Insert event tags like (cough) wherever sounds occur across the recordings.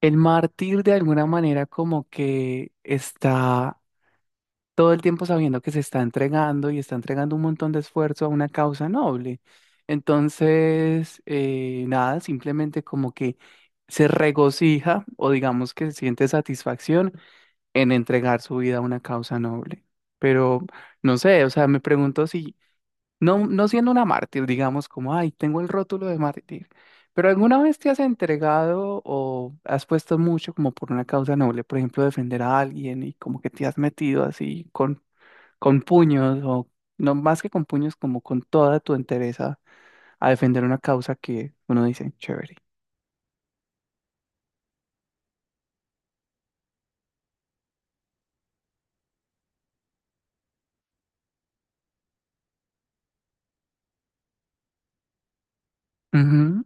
El mártir de alguna manera como que está todo el tiempo sabiendo que se está entregando y está entregando un montón de esfuerzo a una causa noble. Entonces, nada, simplemente como que se regocija o digamos que siente satisfacción en entregar su vida a una causa noble. Pero no sé, o sea, me pregunto si no siendo una mártir, digamos, como, ay, tengo el rótulo de mártir, pero ¿alguna vez te has entregado o has puesto mucho como por una causa noble, por ejemplo, defender a alguien y como que te has metido así con puños o no más que con puños, como con toda tu entereza a defender una causa que uno dice, chévere? Ujú.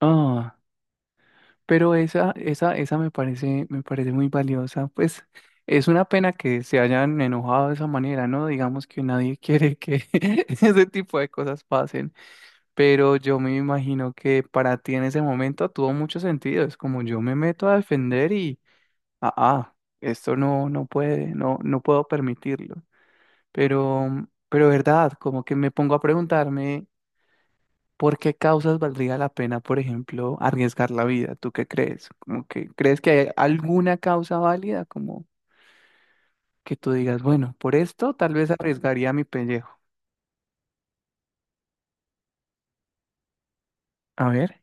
Ah, pero esa me parece muy valiosa. Pues es una pena que se hayan enojado de esa manera, ¿no? Digamos que nadie quiere que (laughs) ese tipo de cosas pasen. Pero yo me imagino que para ti en ese momento tuvo mucho sentido. Es como yo me meto a defender y, ah, ah, esto no, no puede, no, no puedo permitirlo. Pero verdad, como que me pongo a preguntarme. ¿Por qué causas valdría la pena, por ejemplo, arriesgar la vida? ¿Tú qué crees? Como que, ¿crees que hay alguna causa válida? Como que tú digas, bueno, por esto tal vez arriesgaría mi pellejo. A ver.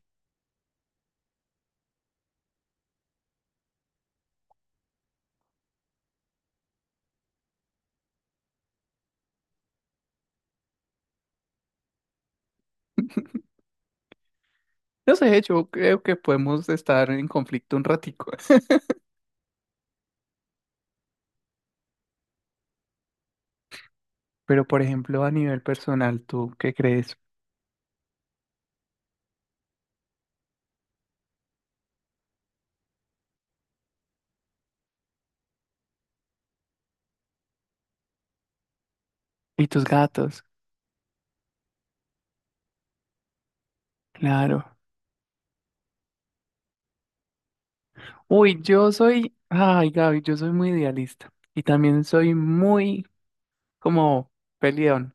No sé, yo creo que podemos estar en conflicto un ratico. (laughs) Pero, por ejemplo, a nivel personal, ¿tú qué crees? ¿Y tus gatos? Claro. Uy, yo soy, ay, Gaby, yo soy muy idealista. Y también soy muy como peleón.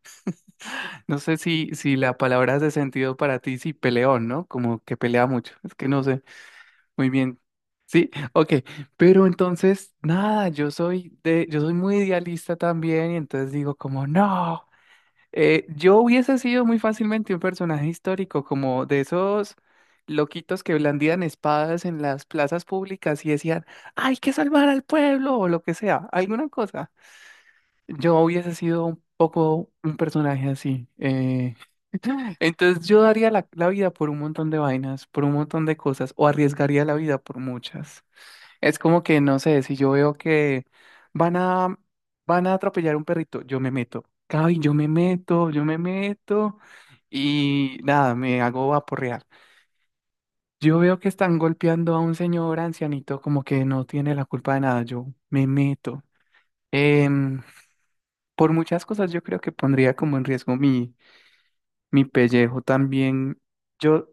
No sé si, si la palabra hace sentido para ti, si peleón, ¿no? Como que pelea mucho. Es que no sé muy bien. Sí, (laughs) ok. Pero entonces, nada, yo soy de, yo soy muy idealista también, y entonces digo como, no. Yo hubiese sido muy fácilmente un personaje histórico, como de esos loquitos que blandían espadas en las plazas públicas y decían, hay que salvar al pueblo, o lo que sea, alguna cosa. Yo hubiese sido un poco un personaje así. (laughs) Entonces yo daría la, la vida por un montón de vainas, por un montón de cosas, o arriesgaría la vida por muchas. Es como que, no sé, si yo veo que van a, van a atropellar un perrito, yo me meto. Cabi, yo me meto y nada, me hago vaporrear. Yo veo que están golpeando a un señor ancianito como que no tiene la culpa de nada, yo me meto. Em, por muchas cosas yo creo que pondría como en riesgo mi, mi pellejo también. Yo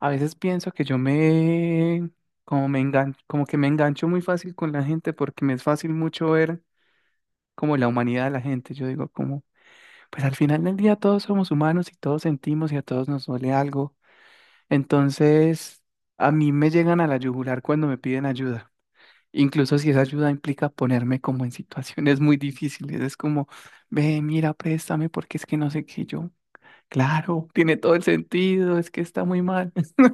a veces pienso que yo me como que me engancho muy fácil con la gente porque me es fácil mucho ver como la humanidad de la gente. Yo digo como, pues al final del día todos somos humanos y todos sentimos y a todos nos duele algo. Entonces, a mí me llegan a la yugular cuando me piden ayuda. Incluso si esa ayuda implica ponerme como en situaciones muy difíciles, es como, ve, mira, préstame porque es que no sé qué yo. Claro, tiene todo el sentido, es que está muy mal. (laughs)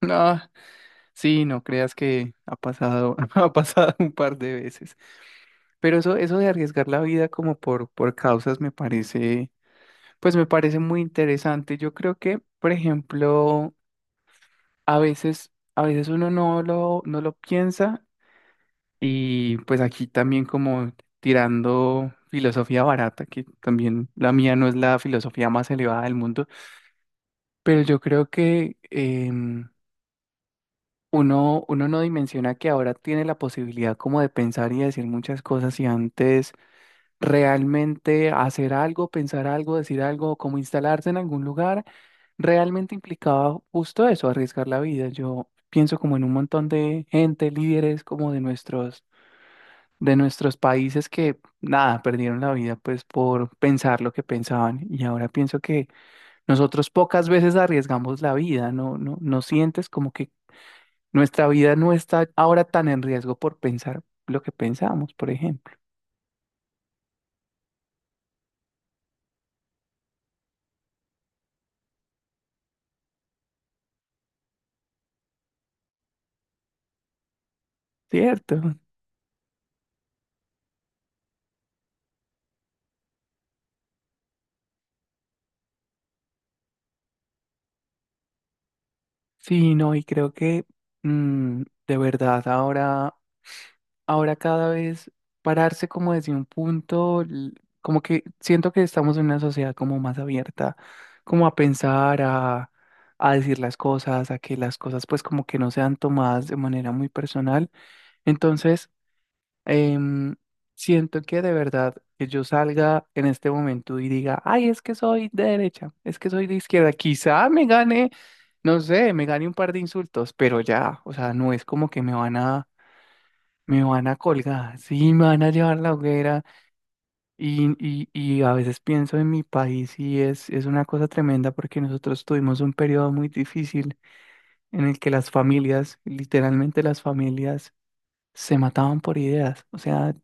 No, sí, no creas que ha pasado, (laughs) ha pasado un par de veces. Pero eso de arriesgar la vida como por causas me parece, pues me parece muy interesante. Yo creo que, por ejemplo, a veces uno no lo, no lo piensa y pues aquí también como tirando filosofía barata, que también la mía no es la filosofía más elevada del mundo, pero yo creo que uno, uno no dimensiona que ahora tiene la posibilidad como de pensar y decir muchas cosas y antes realmente hacer algo, pensar algo, decir algo, como instalarse en algún lugar, realmente implicaba justo eso, arriesgar la vida. Yo pienso como en un montón de gente, líderes como de nuestros países que nada, perdieron la vida pues por pensar lo que pensaban y ahora pienso que nosotros pocas veces arriesgamos la vida, ¿no? ¿No, no sientes como que nuestra vida no está ahora tan en riesgo por pensar lo que pensamos, por ejemplo? ¿Cierto? Sí, no, y creo que de verdad ahora, ahora cada vez pararse como desde un punto, como que siento que estamos en una sociedad como más abierta, como a pensar, a decir las cosas, a que las cosas pues como que no sean tomadas de manera muy personal. Entonces, em, siento que de verdad que yo salga en este momento y diga, ay, es que soy de derecha, es que soy de izquierda, quizá me gane, no sé, me gane un par de insultos, pero ya, o sea, no es como que me van a colgar, sí, me van a llevar la hoguera y a veces pienso en mi país y es una cosa tremenda porque nosotros tuvimos un periodo muy difícil en el que las familias, literalmente las familias, se mataban por ideas, o sea,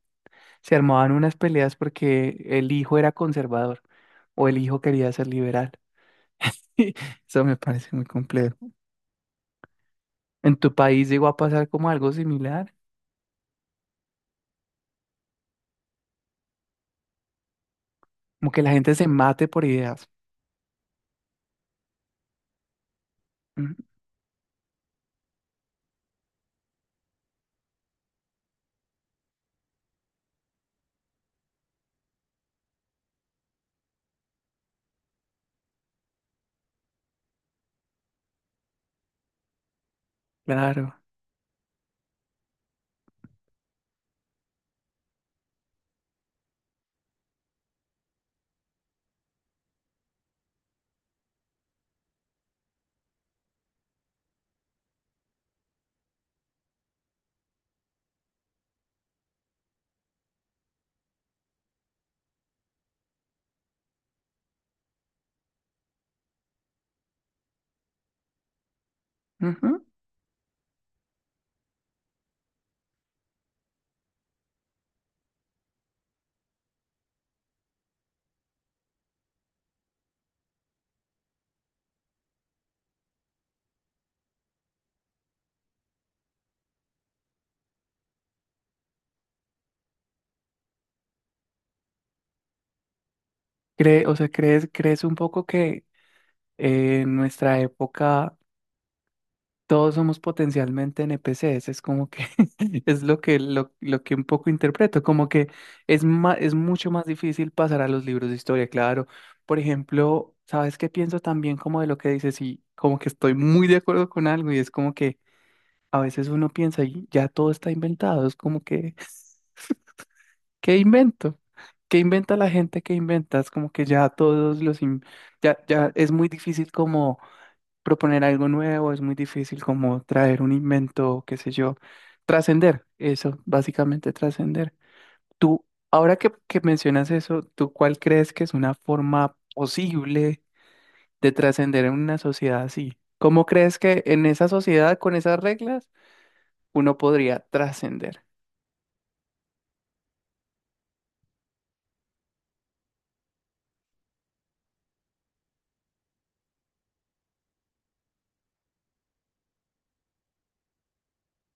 se armaban unas peleas porque el hijo era conservador o el hijo quería ser liberal. (laughs) Eso me parece muy complejo. ¿En tu país llegó a pasar como algo similar? Como que la gente se mate por ideas. Ujú, claro. Ujú. Cree, o sea, ¿crees, crees un poco que en nuestra época todos somos potencialmente NPCs, es como que (laughs) es lo que un poco interpreto, como que es, es mucho más difícil pasar a los libros de historia, claro. Por ejemplo, ¿sabes qué pienso también como de lo que dices? Y como que estoy muy de acuerdo con algo y es como que a veces uno piensa y ya todo está inventado, es como que, (laughs) ¿qué invento? ¿Qué inventa la gente que inventa? Es como que ya todos los, ya, ya es muy difícil como proponer algo nuevo, es muy difícil como traer un invento, qué sé yo, trascender, eso, básicamente trascender. Tú, ahora que mencionas eso, ¿tú cuál crees que es una forma posible de trascender en una sociedad así? ¿Cómo crees que en esa sociedad, con esas reglas, uno podría trascender?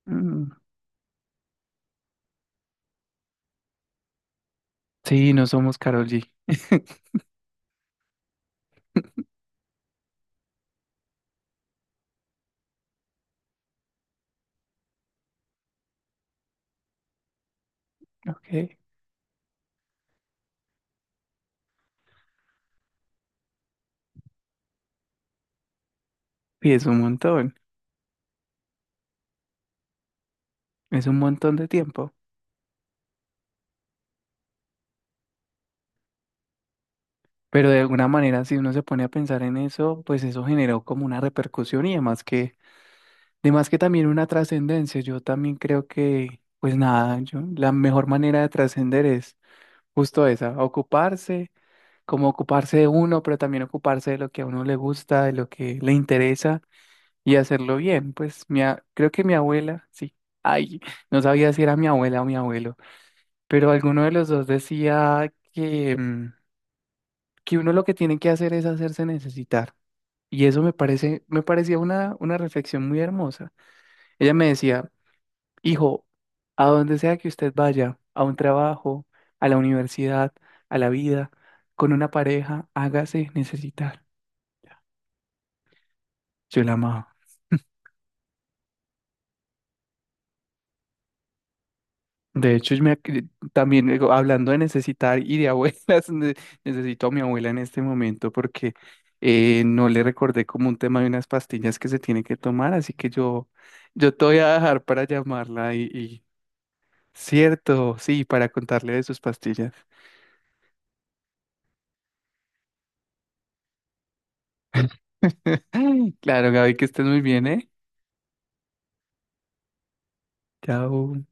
Mm, sí, no somos Karol G. Ok. Y es un montón de tiempo. Pero de alguna manera, si uno se pone a pensar en eso, pues eso generó como una repercusión y además que también una trascendencia. Yo también creo que, pues nada, yo, la mejor manera de trascender es justo esa, ocuparse, como ocuparse de uno, pero también ocuparse de lo que a uno le gusta, de lo que le interesa y hacerlo bien. Pues mi, creo que mi abuela, sí, ay, no sabía si era mi abuela o mi abuelo, pero alguno de los dos decía que, que uno lo que tiene que hacer es hacerse necesitar. Y eso me parece, me parecía una reflexión muy hermosa. Ella me decía, hijo, a donde sea que usted vaya, a un trabajo, a la universidad, a la vida, con una pareja, hágase necesitar. Yo la amaba. De hecho, yo me, también digo, hablando de necesitar y de abuelas, (laughs) necesito a mi abuela en este momento porque no le recordé como un tema de unas pastillas que se tiene que tomar, así que yo te voy a dejar para llamarla. Cierto, sí, para contarle de sus pastillas. (gasps) (laughs) Claro, Gaby, que estés muy bien, ¿eh? Chao.